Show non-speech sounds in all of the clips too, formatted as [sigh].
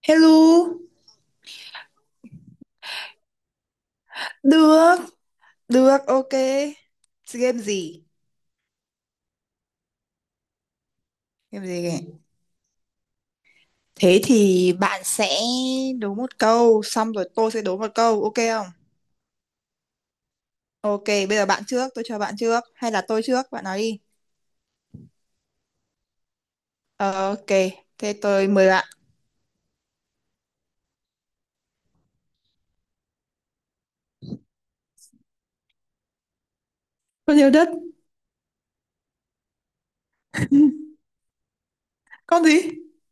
Hello, được, được, ok. Game gì? Game gì kìa? Thế thì bạn sẽ đố một câu, xong rồi tôi sẽ đố một câu, ok không? Ok, bây giờ bạn trước, tôi cho bạn trước, hay là tôi trước, bạn nói đi. Ờ, ok, thế tôi mời bạn. Con yêu đất, con gì? [laughs]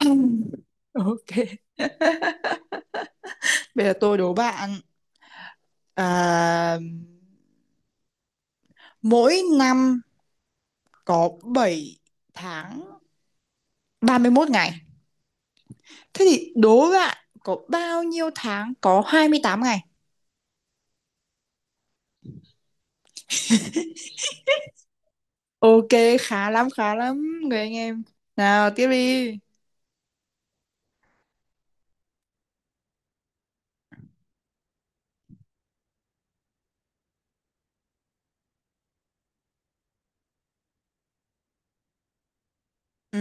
Ừm, ok, bây giờ tôi đố bạn. À, mỗi năm có 7 tháng 31 ngày. Thế thì đố bạn có bao nhiêu tháng có 28 ngày? Ok, khá lắm, người anh em. Nào, tiếp đi. Ừ,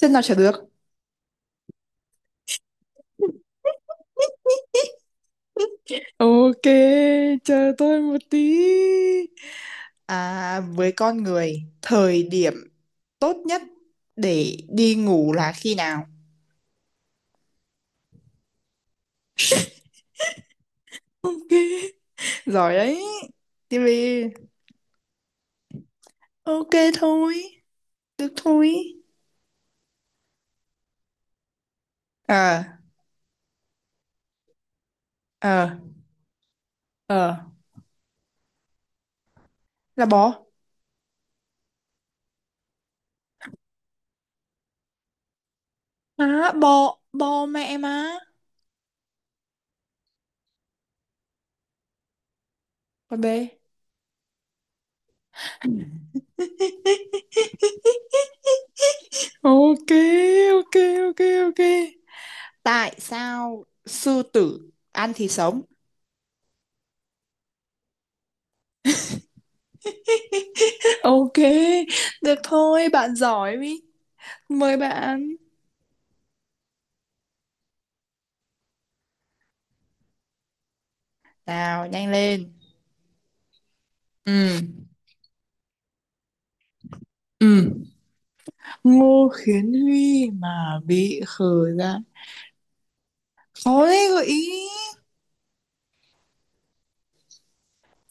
xem nào trả được. Ok, chờ tôi một tí. À, với con người, thời điểm tốt nhất để đi ngủ là khi nào? Ok, giỏi đấy. Tiếp đi. Ok thôi, được thôi. Ờ, ờ, ờ, là bò. Má, bò, bò mẹ má. Con bé. Ok, ok, ok, ok. Tại sao sư tử ăn thì sống? Ok, được thôi, bạn giỏi ý. Mời bạn. Nào, nhanh lên. Ừ, ừ. Ngô Khiến Huy mà bị khờ ra. Khó đấy, gợi ý.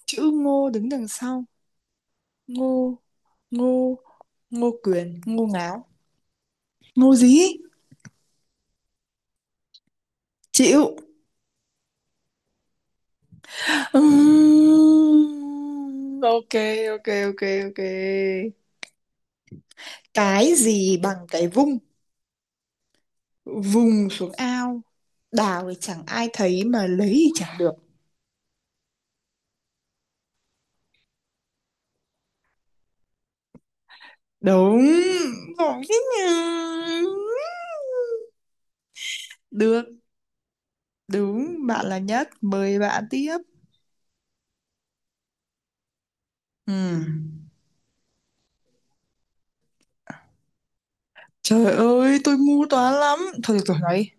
Chữ Ngô đứng đằng sau. Ngô, Ngô, Ngô Quyền, Ngô Ngáo. Ngô gì? Chịu. Ok, ok, ok, ok. Cái gì bằng cái vung, vùng xuống ao, đào thì chẳng ai thấy mà lấy thì chẳng được? Đúng, giỏi thế nhỉ. Được, đúng, bạn là nhất, mời bạn tiếp. Ừm. Trời ơi, tôi ngu toán lắm, thôi được rồi, nói đi.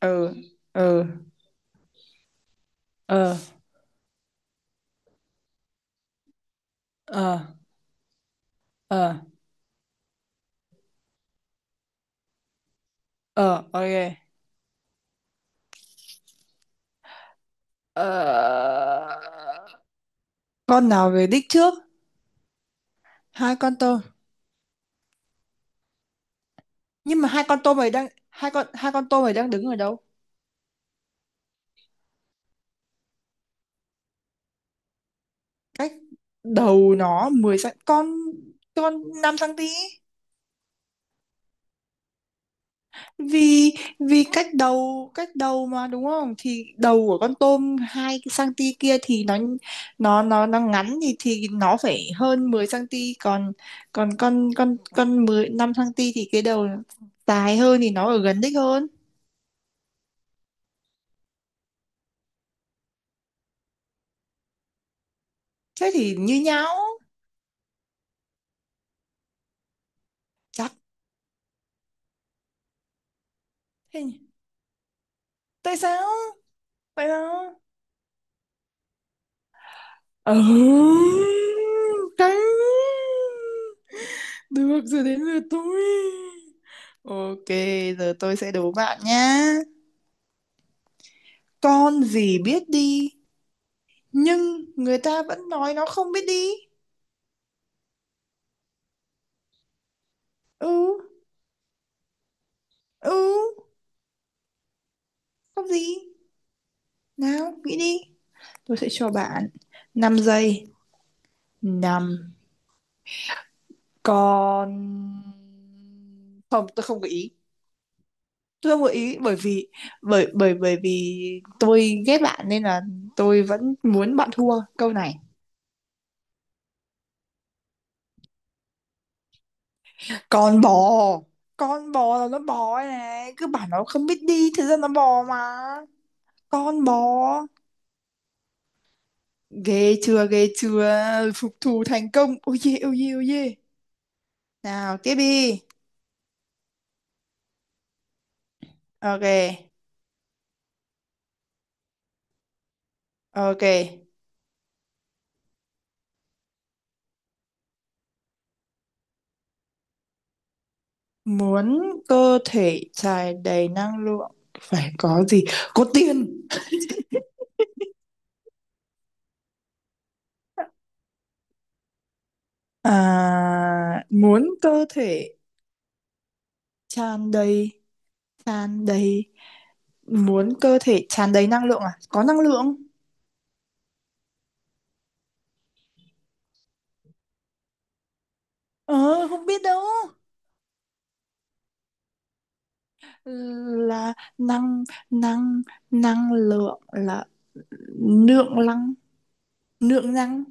Ừ. Ừ. Ờ. Ờ. Ờ. Ờ. Ok. Ờ, con nào về đích trước? Hai con tôm. Nhưng mà hai con tôm này đang đứng ở đâu? Cách đầu nó 10 cm. Con 5 cm? Vì vì cách đầu, cách đầu mà, đúng không? Thì đầu của con tôm 2 cm kia thì nó ngắn thì nó phải hơn 10 cm. Còn còn con 10, 5 cm thì cái đầu dài hơn thì nó ở gần đích hơn. Thế thì như nhau. Chắc. Thế nhỉ? Tại sao? Vậy đó. Ừ, căng. Được rồi, đến lượt tôi. Ok, giờ tôi sẽ đố bạn nhá. Con gì biết đi nhưng người ta vẫn nói nó không biết đi? Ừ, ừ, con gì? Nào nghĩ đi. Tôi sẽ cho bạn 5 giây. Năm con. Không, tôi không gợi ý. Tôi không gợi ý bởi vì tôi ghét bạn nên là tôi vẫn muốn bạn thua câu này. Con bò. Con bò là nó bò đây này, cứ bảo nó không biết đi, thực ra nó bò mà. Con bò. Ghê chưa? Ghê chưa? Phục thù thành công. Ôi dê, ôi dê, ôi dê. Nào, tiếp đi. Ok, ok. Muốn cơ thể tràn đầy năng lượng phải có gì? Có tiền. À, muốn cơ thể tràn đầy, tràn đầy, muốn cơ thể tràn đầy năng lượng, à, có năng lượng. Ờ, không biết đâu. Là năng, năng, năng lượng là lượng năng, lượng năng.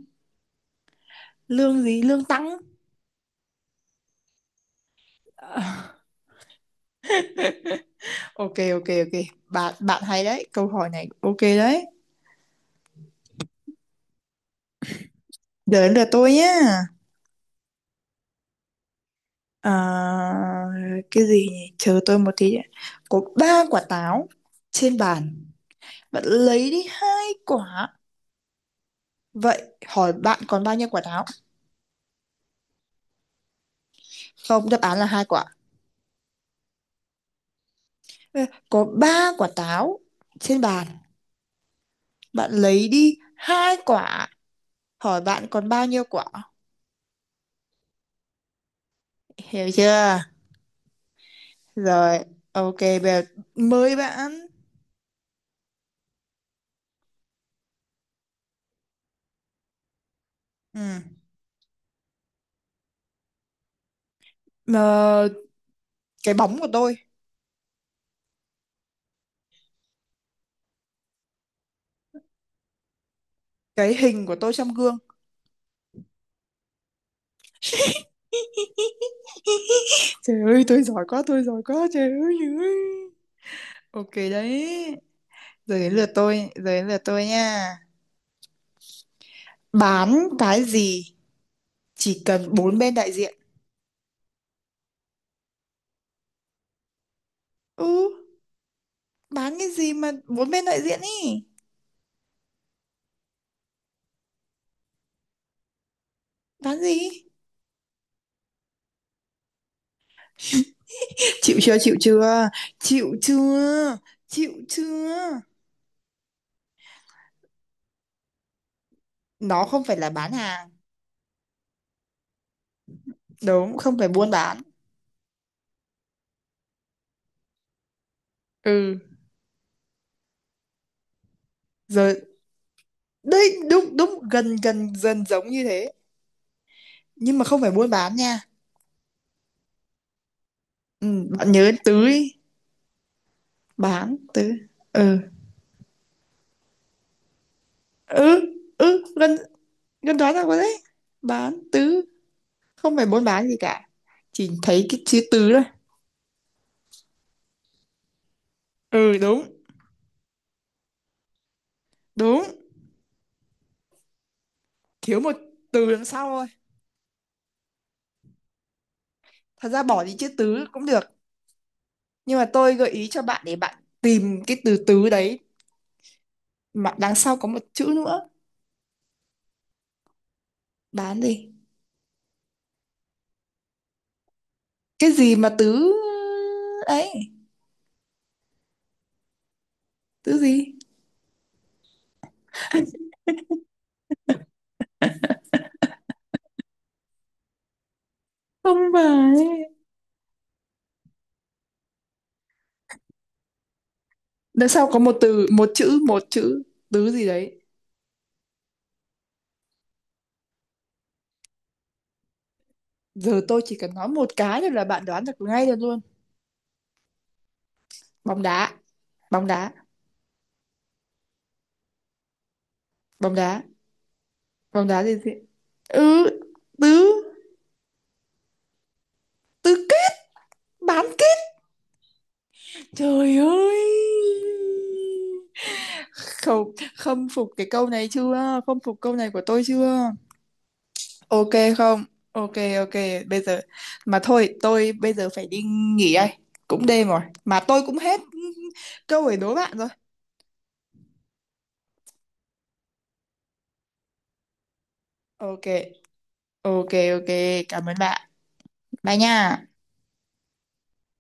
Lương gì? Lương tăng. [laughs] Ờ, ok, ok, ok, bạn bạn hay đấy, câu hỏi này ok đấy. Đến lượt tôi nhé. Ờ, cái gì nhỉ? Chờ tôi một tí đã. Có ba quả táo trên bàn, bạn lấy đi hai quả. Vậy hỏi bạn còn bao nhiêu quả táo? Không, đáp án là hai quả. Có ba quả táo trên bàn. Bạn lấy đi hai quả. Hỏi bạn còn bao nhiêu quả? Hiểu chưa? Rồi, ok, bây giờ mới bạn. Ừ. Mà cái bóng của tôi, cái hình của tôi trong gương. [laughs] Trời ơi, tôi giỏi quá, trời ơi. Trời ơi. Ok đấy. Giờ đến lượt tôi, giờ đến lượt tôi nha. Bán cái gì chỉ cần bốn bên đại diện? Ừ, bán cái gì mà bốn bên đại diện ý? Bán gì? Chịu chưa? Chịu chưa? Chịu chưa? Chịu chưa? Nó không phải là bán hàng. Đúng, không phải buôn bán. Ừ, rồi đấy, đúng đúng, gần gần, dần, giống như thế, nhưng mà không phải buôn bán nha. Ừ, bạn nhớ tứ ý. Bán tứ. Ừ, ừ, ừ, gần gần, đoán ra rồi đấy. Bán tứ, không phải buôn bán gì cả, chỉ thấy cái chữ tứ thôi. Ừ, đúng. Đúng, thiếu một từ đằng sau thôi. Thật ra bỏ đi chữ tứ cũng được. Nhưng mà tôi gợi ý cho bạn để bạn tìm cái từ tứ đấy mà đằng sau có một chữ nữa. Bán gì? Cái gì mà tứ ấy, tứ gì? Không phải. Đằng sau có một từ, một chữ, tứ gì đấy. Giờ tôi chỉ cần nói một cái thôi là bạn đoán được ngay được luôn. Bóng đá, bóng đá, bóng đá, bóng đá gì gì? Ừ, tứ, tứ kết, bán kết. Trời ơi. Không, khâm phục cái câu này chưa? Khâm phục câu này của tôi chưa? Ok không? Ok, ok, bây giờ mà thôi, tôi bây giờ phải đi nghỉ đây. Cũng đêm rồi, mà tôi cũng hết câu để đố bạn rồi. Ok, ok, ok, cảm ơn bạn. Bye nha.